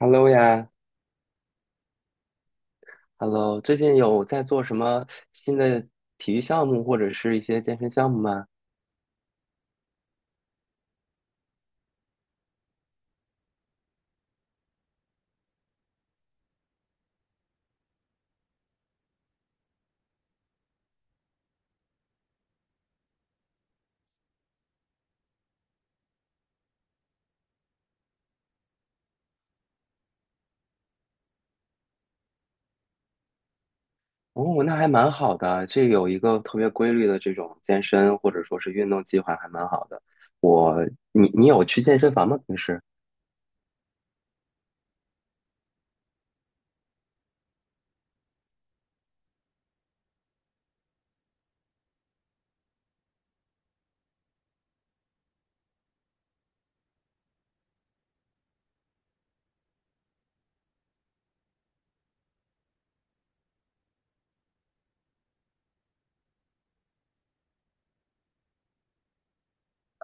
Hello 呀，Hello，最近有在做什么新的体育项目或者是一些健身项目吗？哦，那还蛮好的，这有一个特别规律的这种健身或者说是运动计划，还蛮好的。我，你有去健身房吗？平时？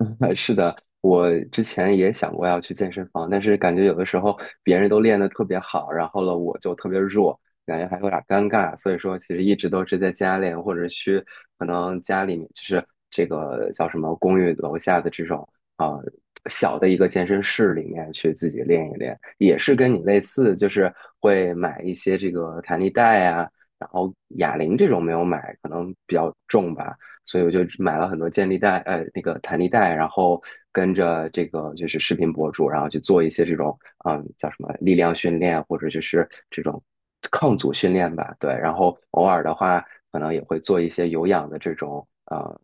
是的，我之前也想过要去健身房，但是感觉有的时候别人都练得特别好，然后了我就特别弱，感觉还有点尴尬，所以说其实一直都是在家练，或者去可能家里面就是这个叫什么公寓楼下的这种啊、呃小的一个健身室里面去自己练一练，也是跟你类似，就是会买一些这个弹力带啊，然后哑铃这种没有买，可能比较重吧。所以我就买了很多健力带，那个弹力带，然后跟着这个就是视频博主，然后去做一些这种，叫什么力量训练，或者就是这种抗阻训练吧，对。然后偶尔的话，可能也会做一些有氧的这种，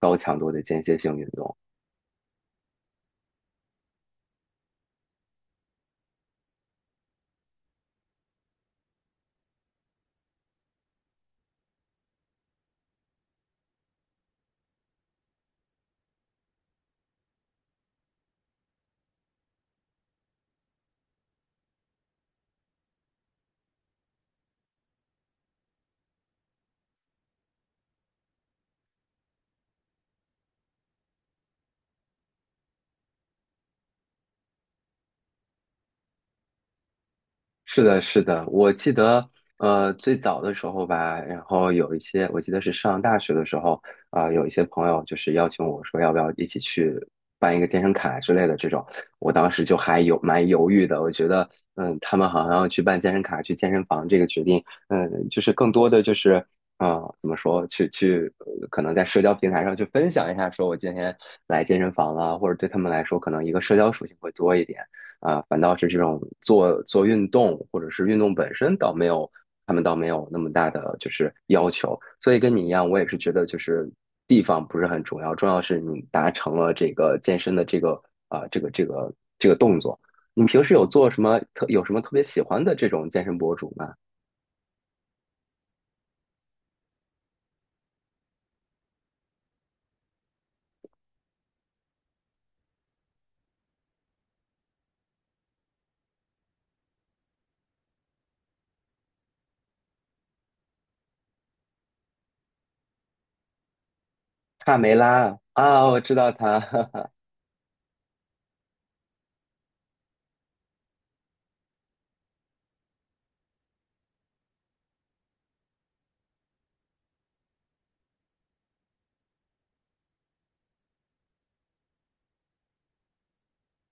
高强度的间歇性运动。是的，是的，我记得，最早的时候吧，然后有一些，我记得是上大学的时候，有一些朋友就是邀请我说，要不要一起去办一个健身卡之类的这种，我当时就还有蛮犹豫的，我觉得，他们好像要去办健身卡、去健身房这个决定，就是更多的就是。怎么说？去去，呃可能在社交平台上去分享一下，说我今天来健身房了，或者对他们来说，可能一个社交属性会多一点。反倒是这种做做运动或者是运动本身倒没有，他们倒没有那么大的就是要求。所以跟你一样，我也是觉得就是地方不是很重要，重要是你达成了这个健身的啊、这个这个这个动作。你平时有做什么特有什么特别喜欢的这种健身博主吗？帕梅拉啊，我知道她，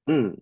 嗯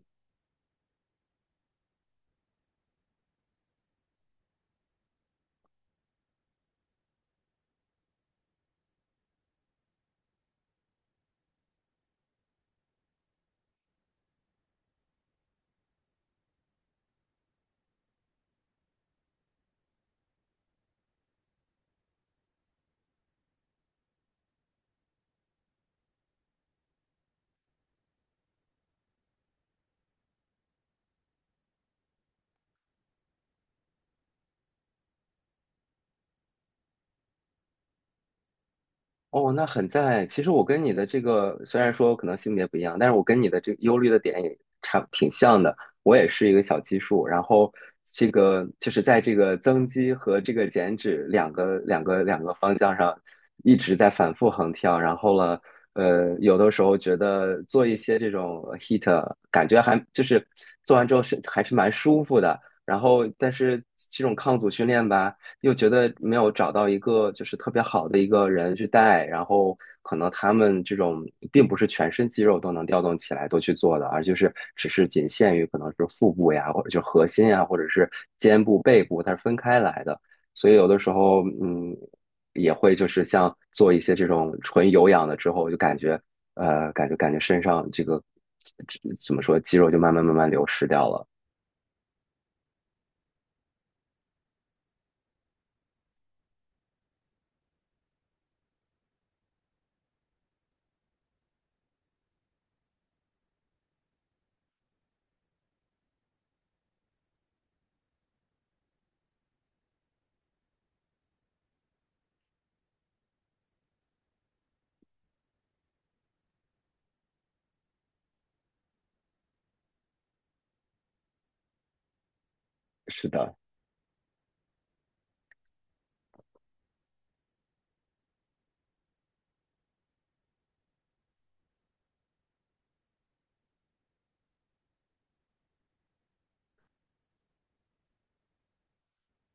哦，那很赞。其实我跟你的这个虽然说可能性别不一样，但是我跟你的这个忧虑的点也差挺像的。我也是一个小基数，然后这个就是在这个增肌和这个减脂两个方向上一直在反复横跳。然后了，有的时候觉得做一些这种 h e a t 感觉还就是做完之后是还是蛮舒服的。然后，但是这种抗阻训练吧。又觉得没有找到一个就是特别好的一个人去带，然后可能他们这种并不是全身肌肉都能调动起来都去做的，而就是只是仅限于可能是腹部呀，或者就核心呀，或者是肩部、背部，它是分开来的。所以有的时候，也会就是像做一些这种纯有氧的之后，就感觉感觉身上这个这怎么说，肌肉就慢慢慢慢流失掉了。是的，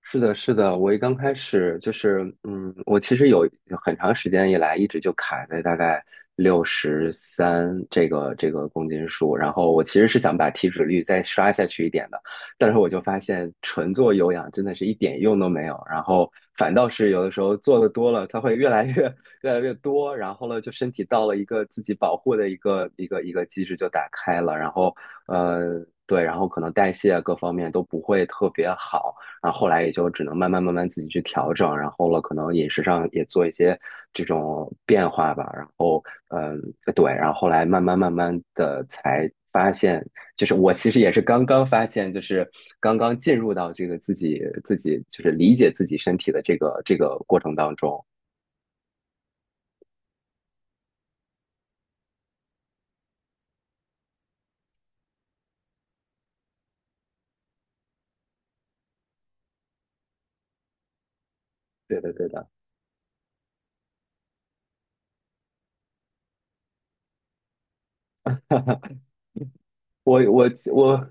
是的，是的，我刚开始就是，我其实有很长时间以来一直就卡在大概63这个公斤数，然后我其实是想把体脂率再刷下去一点的，但是我就发现纯做有氧真的是一点用都没有，然后反倒是有的时候做的多了，它会越来越 越来越多，然后呢，就身体到了一个自己保护的一个机制就打开了，然后对，然后可能代谢啊各方面都不会特别好。然后后来也就只能慢慢慢慢自己去调整，然后了可能饮食上也做一些这种变化吧，然后嗯对，然后后来慢慢慢慢的才发现，就是我其实也是刚刚发现，就是刚刚进入到这个自己就是理解自己身体的这个过程当中，对的对的。我我我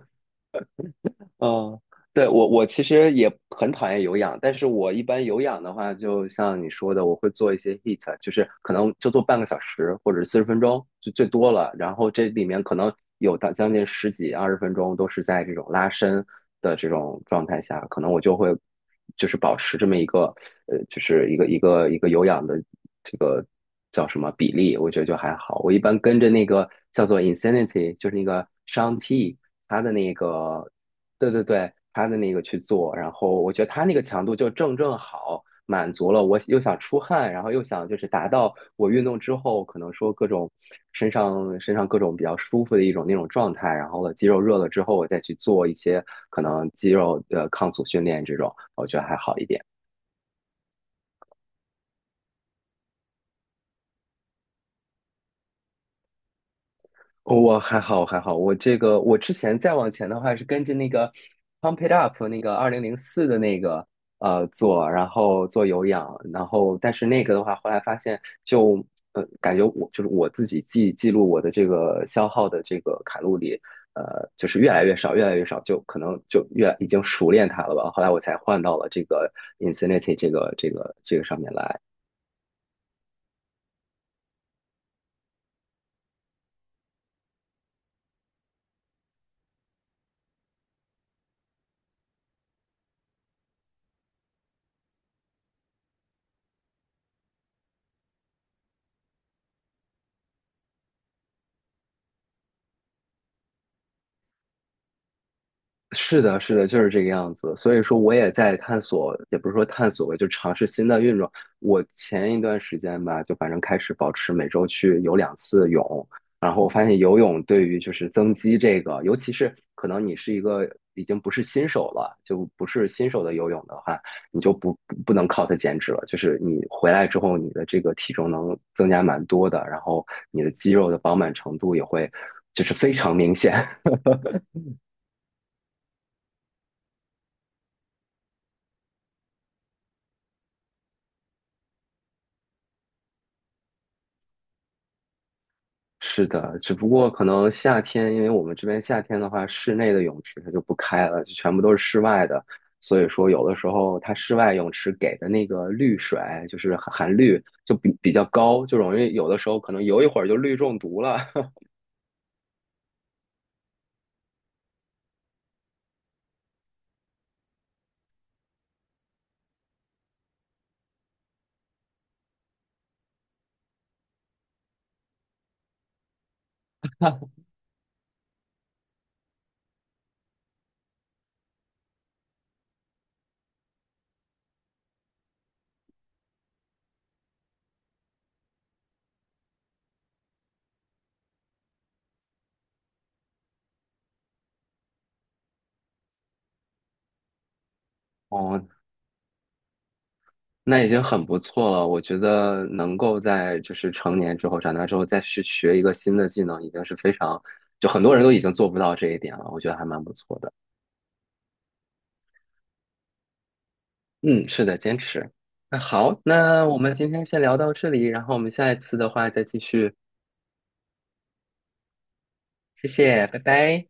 嗯，对，我其实也很讨厌有氧，但是我一般有氧的话，就像你说的，我会做一些 h e a t 就是可能就做半个小时或者40分钟就最多了，然后这里面可能有到将近十几二十分钟都是在这种拉伸的这种状态下，可能我就会就是保持这么一个就是一个有氧的这个叫什么比例，我觉得就还好。我一般跟着那个叫做 Insanity，就是那个 Shaun T。他的那个对对对，他的那个去做，然后我觉得他那个强度就正好，满足了我又想出汗，然后又想就是达到我运动之后可能说各种身上各种比较舒服的一种那种状态，然后了肌肉热了之后，我再去做一些可能肌肉的抗阻训练这种，我觉得还好一点。我还好，还好。我这个，我之前再往前的话是跟着那个《Pump It Up》那个2004的那个做，然后做有氧，然后但是那个的话，后来发现就感觉我就是我自己记录我的这个消耗的这个卡路里，呃就是越来越少，越来越少，就可能就越已经熟练它了吧。后来我才换到了这个 Insanity 这个上面来。是的，是的，就是这个样子。所以说，我也在探索，也不是说探索吧，就尝试新的运动。我前一段时间吧，就反正开始保持每周去游两次泳，然后我发现游泳对于就是增肌这个，尤其是可能你是一个已经不是新手了，就不是新手的游泳的话，你就不能靠它减脂了。就是你回来之后，你的这个体重能增加蛮多的，然后你的肌肉的饱满程度也会就是非常明显。是的，只不过可能夏天，因为我们这边夏天的话，室内的泳池它就不开了，就全部都是室外的。所以说，有的时候它室外泳池给的那个氯水，就是含氯，就比较高，就容易有的时候可能游一会儿就氯中毒了。哦，那已经很不错了。我觉得能够在就是成年之后、长大之后再去学一个新的技能，已经是非常，就很多人都已经做不到这一点了。我觉得还蛮不错的。嗯，是的，坚持。那好，那我们今天先聊到这里，然后我们下一次的话再继续。谢谢，拜拜。